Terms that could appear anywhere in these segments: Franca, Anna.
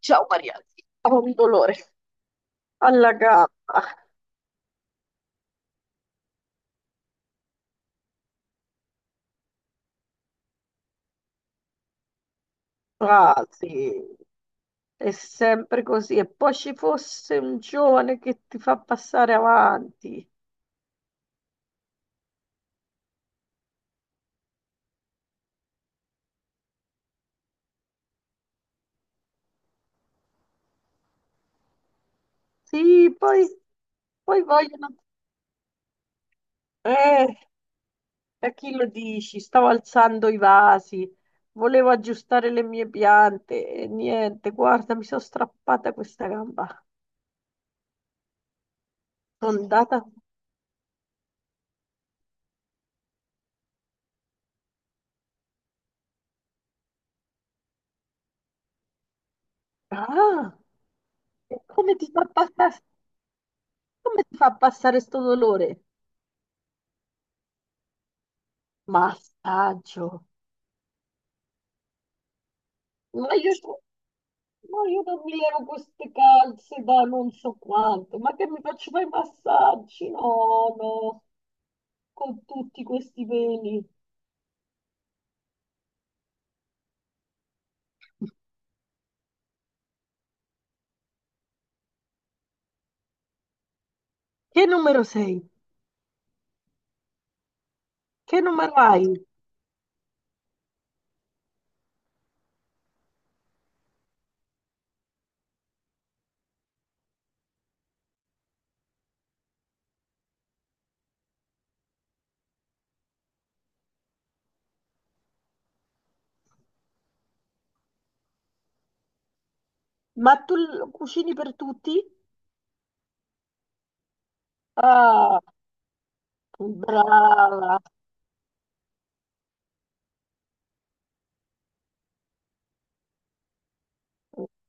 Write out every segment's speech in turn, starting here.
Ciao Maria, ho un dolore alla gamba, quasi, è sempre così. E poi ci fosse un giovane che ti fa passare avanti. Sì, poi, poi vogliono... Eh, a chi lo dici? Stavo alzando i vasi, volevo aggiustare le mie piante e niente, guarda, mi sono strappata questa gamba. Sono andata... Ah, e come ti fa passare, come ti fa passare sto dolore? Massaggio. Ma io, sto- ma io non mi levo queste calze da non so quanto, ma che mi faccio fare i massaggi? No, no, con tutti questi peli. Che numero sei? Che numero hai? Ma tu l- cucini per tutti? Ah, brava,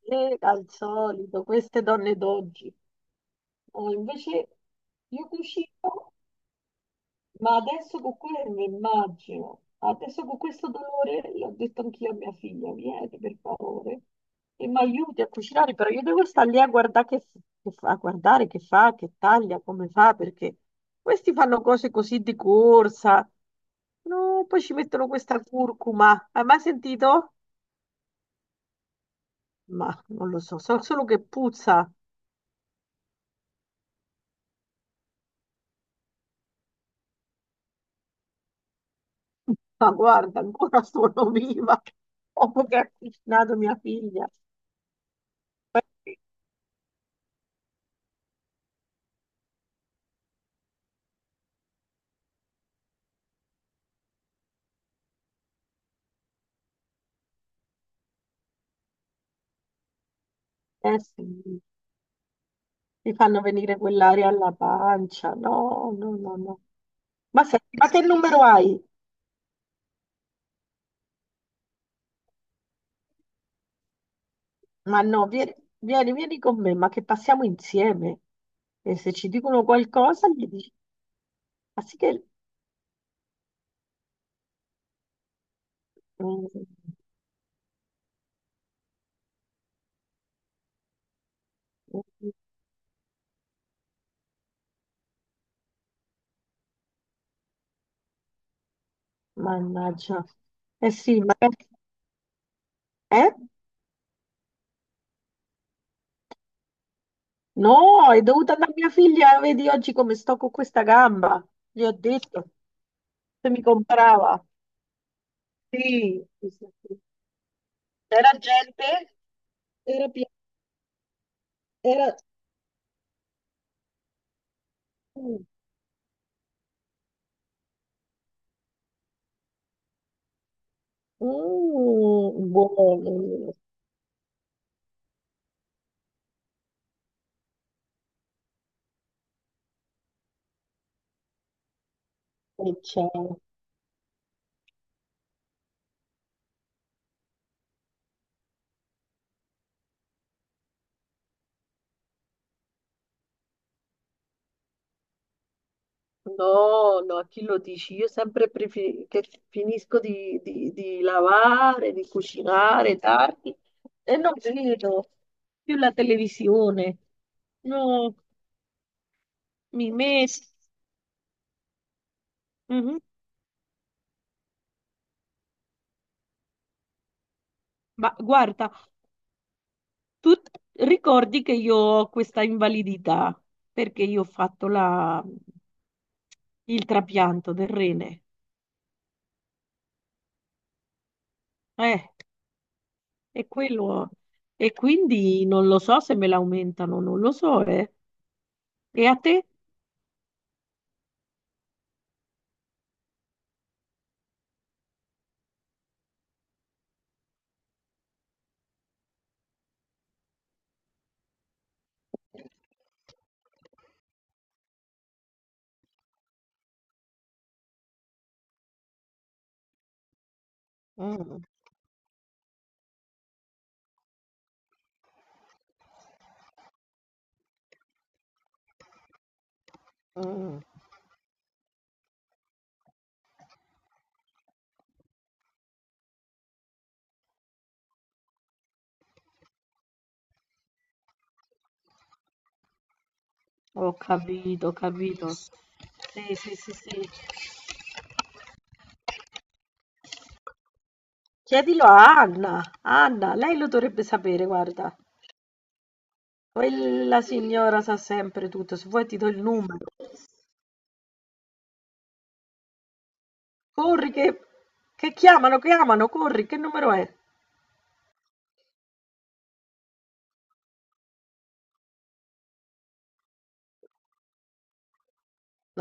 al solito, queste donne d'oggi. No, invece io cucino. Ma adesso con quello mi immagino, adesso con questo dolore, io ho detto anch'io a mia figlia, vieni per favore e mi aiuti a cucinare, però io devo stare lì a guardare che, f- che fa, a guardare che fa, che taglia, come fa, perché questi fanno cose così di corsa, no, poi ci mettono questa curcuma, hai mai sentito? Ma non lo so, so solo che puzza, ma guarda, ancora sono viva, dopo che ha cucinato mia figlia. Eh sì, mi fanno venire quell'aria alla pancia. No, no, no, no. Ma senti, ma che numero hai? Ma no, vieni, vieni, vieni con me, ma che passiamo insieme. E se ci dicono qualcosa, gli dici, ma sì che... Mm. Mannaggia. Eh sì, ma... Eh? No, è dovuta a mia figlia, vedi oggi come sto con questa gamba. Gli ho detto, se mi comprava. Sì, sì, sì. Era gente, era... pi- era... Mm. Mm, buono. No, no, a chi lo dici? Io sempre prefi- che finisco di lavare, di cucinare tardi e non vedo più la televisione. No, mi messo. Ma guarda, tu ricordi che io ho questa invalidità perché io ho fatto la- il trapianto del rene. Eh, è quello. E quindi non lo so se me l'aumentano, non lo so, eh. E a te? Mm. Mm. Ho capito, ho capito. Sì, sì, sì, sì. Chiedilo a Anna. Anna, lei lo dovrebbe sapere, guarda. Poi la signora sa sempre tutto. Se vuoi ti do il numero. Corri che chiamano, chiamano, corri, che numero è?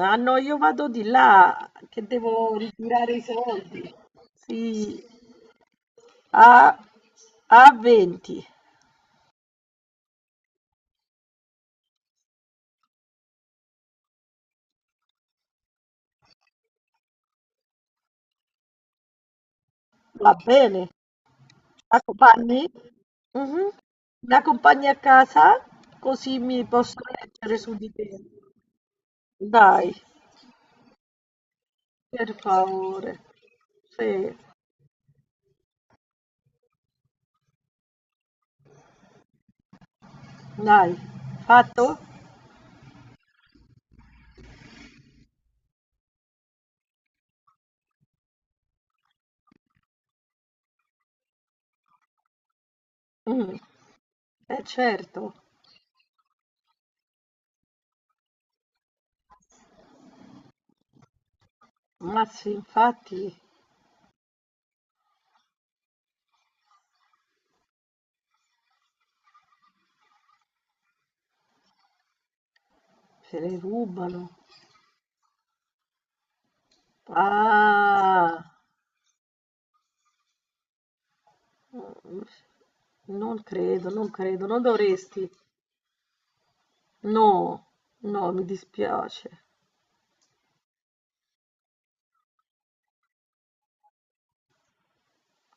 Ah no, io vado di là, che devo ritirare i soldi. Sì, a, a 20. Va bene. M'accompagni? Mh-mh. Mi accompagni a casa? Così mi posso leggere su di te. Dai, per favore. Sì, dai. Fatto? Mh, eh certo. Ma sì, infatti se le rubano. Ah, mhmm, non credo, non credo, non dovresti. No, no, mi dispiace.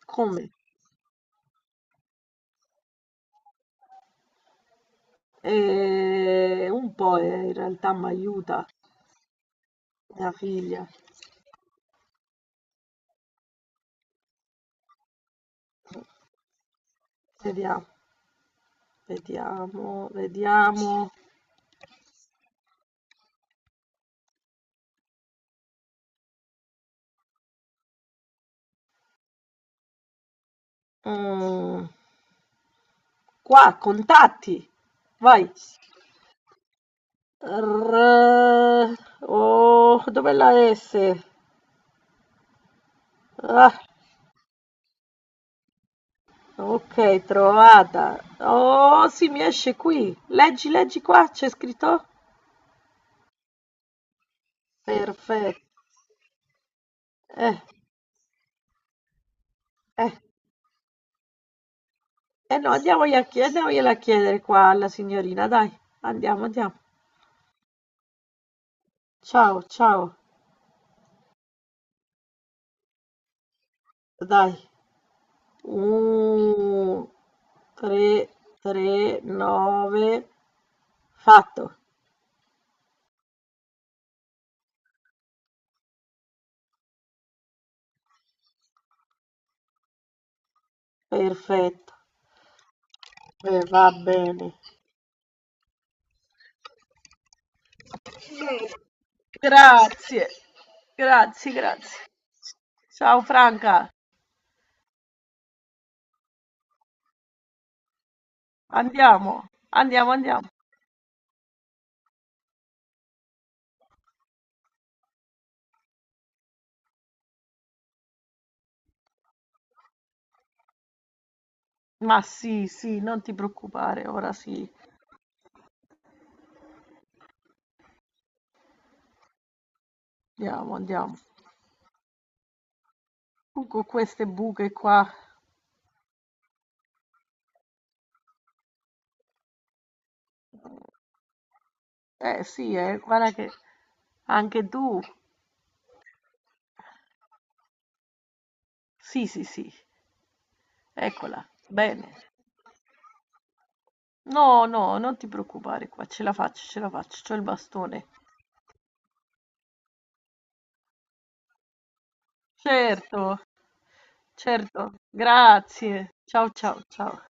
Come? Un po', in realtà m'aiuta mia figlia. Vediamo, vediamo, vediamo. Mm, qua, contatti. Vai. R- oh, dov'è la S? Ah, ok, trovata. Oh, sì, mi esce qui. Leggi, leggi qua, c'è scritto? Perfetto. Eh, eh, no, andiamogli a chied- andiamogliela a chiedere qua alla signorina, dai. Andiamo, andiamo. Ciao, ciao. Dai. Uh, 3, 3, 9. Fatto. Perfetto. Va bene. Grazie. Grazie, grazie. Ciao Franca. Andiamo. Andiamo, andiamo. Ma sì, sì, non ti preoccupare. Ora sì. Andiamo, andiamo. Tu con queste buche qua. Eh sì, guarda che anche tu. Sì, sì, sì. Eccola. Bene. No, no, non ti preoccupare qua, ce la faccio, c'ho il bastone. Certo, certo, grazie. Ciao, ciao, ciao.